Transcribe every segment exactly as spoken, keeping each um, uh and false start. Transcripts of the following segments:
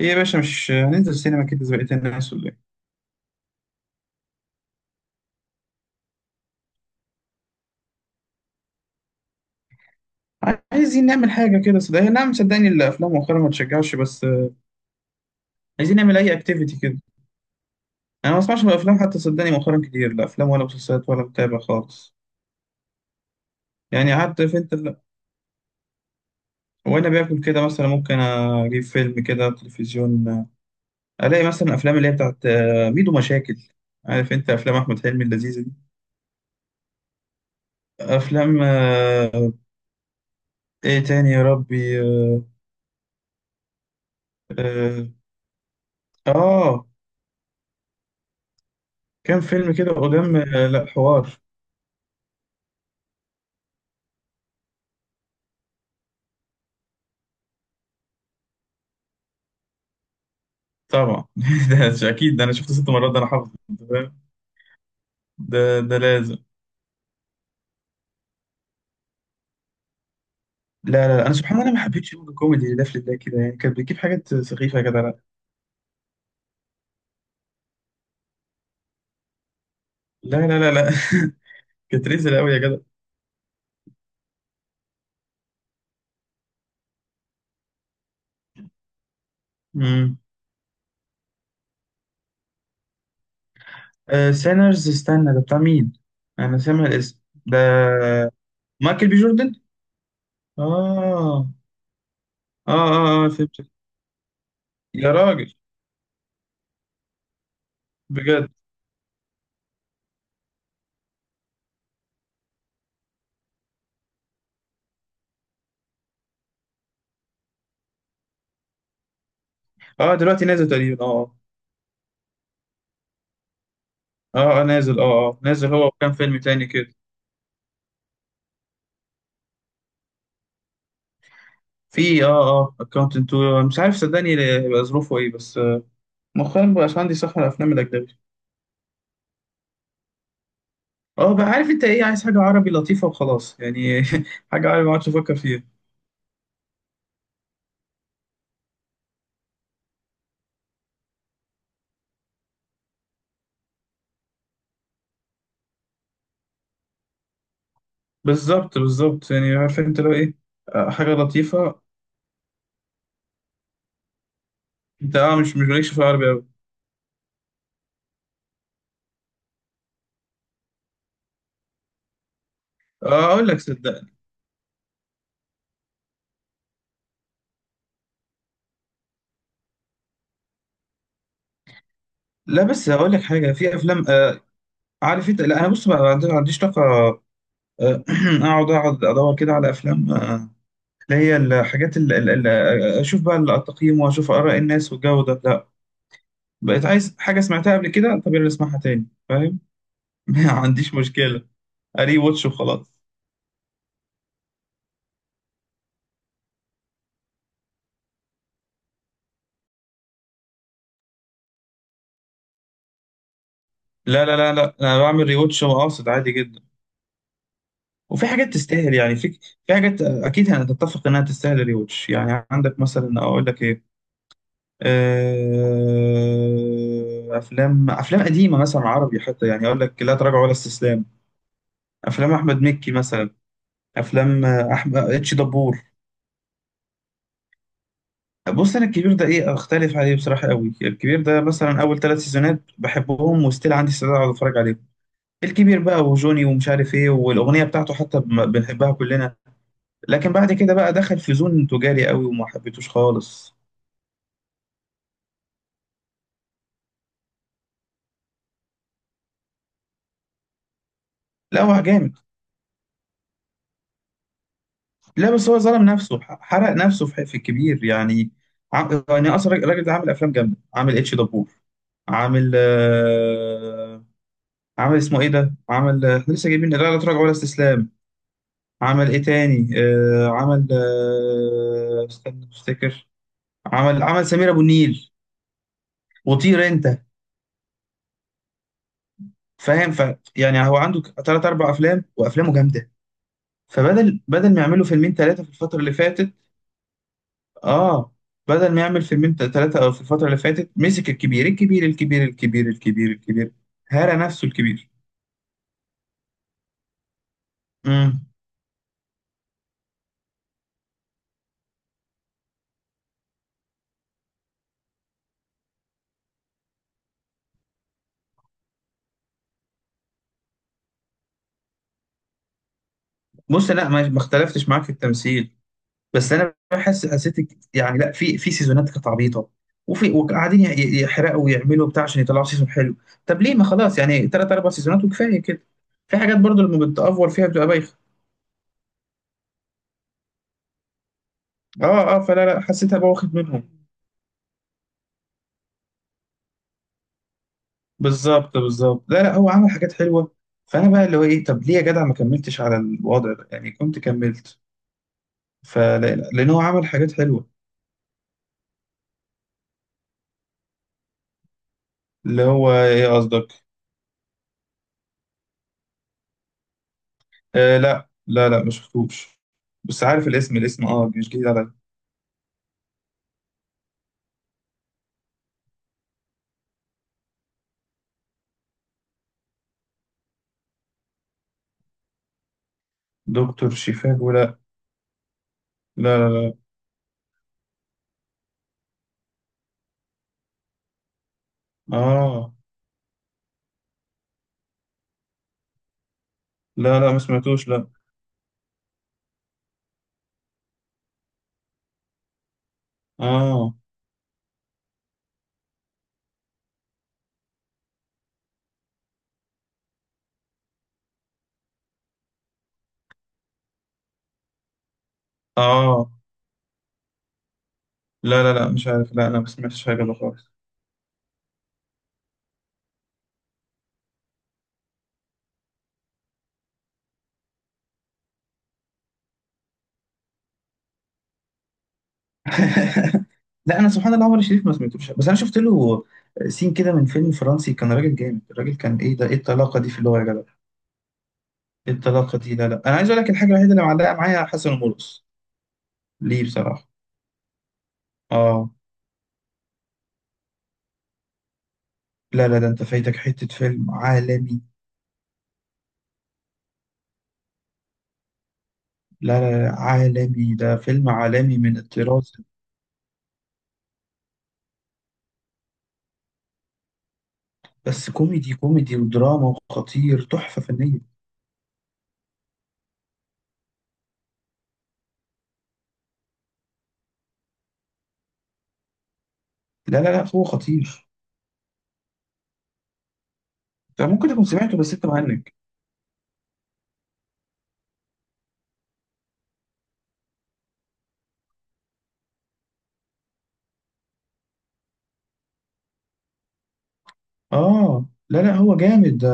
ايه يا باشا، مش هننزل سينما كده زي بقية الناس ولا ايه؟ عايزين نعمل حاجة كده صدقني، نعم، صدقني الأفلام مؤخرا ما تشجعش، بس آه، عايزين نعمل أي أكتيفيتي كده. أنا ما بسمعش الأفلام حتى صدقني، مؤخرا كتير لا أفلام ولا مسلسلات ولا متابع خالص. يعني قعدت في أنت ال- وأنا باكل كده مثلا، ممكن أجيب فيلم كده على التلفزيون، آه، ألاقي مثلا أفلام اللي هي بتاعت آه، ميدو مشاكل، عارف أنت أفلام أحمد حلمي اللذيذة دي، أفلام آه، إيه تاني يا ربي. آه. آه، كام فيلم كده قدام، آه، لا حوار. طبعا ده ش- اكيد، ده انا شفته ست مرات، ده انا حافظ، انت فاهم. ده ده لازم. لا لا لا، انا سبحان الله، انا ما حبيتش يوم الكوميدي اللي ده، في ده كده يعني كانت بتجيب حاجات سخيفه يا جدع، لا لا لا لا, لا. كانت ريزل قوي يا جدع. امم. سينرز، استنى، ده بتاع مين؟ انا سامع الاسم ده. مايكل بي جوردن. اه، اه، اه، اه، فهمت. يا راجل، بجد. اه دلوقتي نازل تقريبا، اه، اه، اه، آه، نازل، اه، اه، نازل هو وكام فيلم تاني كده. في، اه، اه اكونت انتو، مش عارف صدقني هيبقى ظروفه ايه، بس مؤخرا مبقاش عندي صح على الافلام الاجنبي. اه، بقى عارف انت ايه، عايز حاجه عربي لطيفه وخلاص يعني. حاجه عربي ما اقعدش افكر فيها. بالظبط بالظبط، يعني عارف انت لو ايه، آه، حاجه لطيفه. انت اه مش مش مالكش في العربي قوي. اه، اقول لك صدقني. لا بس هقول لك حاجه، في افلام، آه عارف انت، لا انا بص بقى، ما عندي- ما عنديش طاقه آه، اقعد اقعد ادور كده على افلام، آه، اللي هي الحاجات اللي اللي اشوف بقى التقييم واشوف اراء الناس والجو ده، لا. بقيت عايز حاجه سمعتها قبل كده، طب يلا اسمعها تاني فاهم. ما عنديش مشكله. ري واتش وخلاص. لا لا لا لا، انا بعمل ري واتش واقصد عادي جدا. وفي حاجات تستاهل، يعني في في حاجات اكيد هنتفق انها تستاهل ري واتش، يعني عندك مثلا اقول لك ايه، آه، افلام، افلام قديمه مثلا عربي حتى، يعني اقول لك لا تراجع ولا استسلام، افلام احمد مكي مثلا، افلام احمد اتش دبور. بص، انا الكبير ده ايه، اختلف عليه بصراحه قوي. الكبير ده مثلا، اول ثلاث سيزونات بحبهم، وستيل عندي استعداد اقعد اتفرج عليهم. الكبير بقى، وجوني، ومش عارف ايه، والاغنيه بتاعته حتى بم- بنحبها كلنا، لكن بعد كده بقى دخل في زون تجاري قوي وما حبيتوش خالص. لا هو جامد، لا بس هو ظلم نفسه، ح- حرق نفسه في في الكبير يعني. عم... يعني اصلا الراجل ده عامل افلام جامده، عامل اتش دبور، عامل آه... عامل اسمه ايه ده، عامل آه، لسه جايبين لا لا تراجع ولا استسلام، عمل ايه تاني آه... عمل آه... استنى افتكر. عمل، عمل سمير ابو النيل وطير انت، فاهم ف يعني هو عنده ثلاث اربع افلام وافلامه جامده. فبدل بدل ما يعملوا فيلمين ثلاثه في الفتره اللي فاتت، اه، بدل ما يعمل فيلمين ثلاثه في الفتره اللي فاتت، مسك الكبير الكبير الكبير الكبير الكبير الكبير. هرى نفسه الكبير. امم. بص لا، ما ما اختلفتش معاك في التمثيل، بس انا بحس، حسيت ك- يعني لا، في في سيزونات كانت عبيطه، وفي، وقاعدين ي- ي- يحرقوا ويعملوا بتاع عشان يطلعوا سيزون حلو، طب ليه؟ ما خلاص يعني، ثلاث اربع سيزونات وكفايه كده، في حاجات برضو لما بتأفور فيها بتبقى بايخه. اه، اه، فلا لا حسيتها بقى واخد منهم. بالظبط بالظبط، لا لا، هو عمل حاجات حلوه. فانا بقى اللي هو ايه، طب ليه يا جدع ما كملتش على الوضع ده يعني، كنت كملت. فلا لا، لان هو عمل حاجات حلوه. اللي هو ايه قصدك؟ آه، لا لا لا ما شفتوش، بس عارف الاسم، الاسم اه مش جديد عليا. دكتور شيفاجو، لا لا. لا لا. اه، لا لا ما سمعتوش، لا. اه، اه. لا لا لا مش عارف، لا انا ما سمعتش حاجه ده خالص. لا انا سبحان الله، عمر الشريف ما سمعتوش، بس انا شفت له سين كده من فيلم فرنسي، كان راجل جامد الراجل، كان ايه ده، ايه الطلاقه دي في اللغه يا جدع؟ ايه الطلاقه دي؟ لا لا، انا عايز اقول لك الحاجه الوحيده اللي معلقه معايا، حسن ومرقص ليه بصراحه. اه، لا لا، ده انت فايتك حته فيلم عالمي. لا لا لا، عالمي، ده فيلم عالمي من الطراز. بس كوميدي، كوميدي ودراما وخطير، تحفه فنيه. لا لا لا، هو خطير. انت ممكن تكون سمعته، بس انت مهنج. اه، لا لا، هو جامد ده،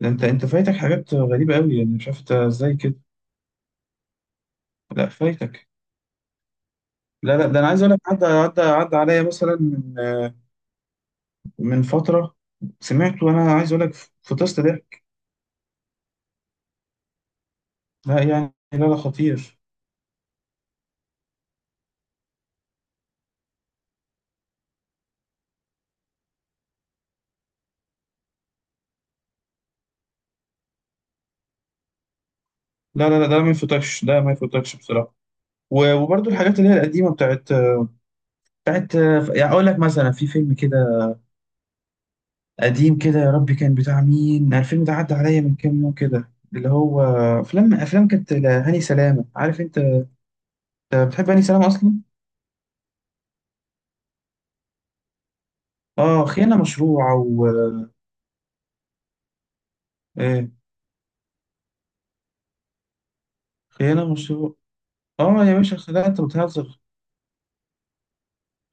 ده انت انت فايتك حاجات غريبه قوي يعني، مش عارف انت ازاي كده. لا فايتك. لا لا، ده انا عايز اقول لك، عدى، عدى عدى عليا مثلا من من فتره، سمعته وانا عايز اقول لك، فطست ضحك. لا يعني لا لا، خطير. لا لا لا، ده ما يفوتكش، ده ما يفوتكش بصراحه. و- وبرضه الحاجات اللي هي القديمه بتاعت، بتاعت يعني، اقول لك مثلا، في فيلم كده قديم كده يا ربي كان بتاع مين؟ أنا الفيلم ده عدى عليا من كام يوم كده، اللي هو افلام، افلام كانت لهاني سلامه، عارف انت بتحب هاني سلامه اصلا؟ اه، خيانه مشروعه و إيه؟ خيانه مشروعه. اه يا باشا، خدعت، انت بتهزر.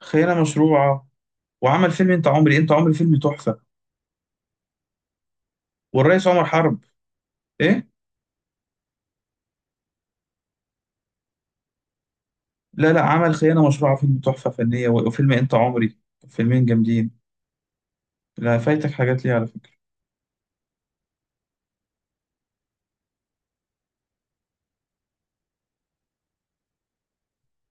خيانه مشروعه، وعمل فيلم انت عمري، انت عمري فيلم تحفه، والرئيس عمر حرب. ايه؟ لا لا، عمل خيانه مشروعه فيلم تحفه فنيه، وفيلم انت عمري، فيلمين جامدين. لا فايتك حاجات ليه على فكره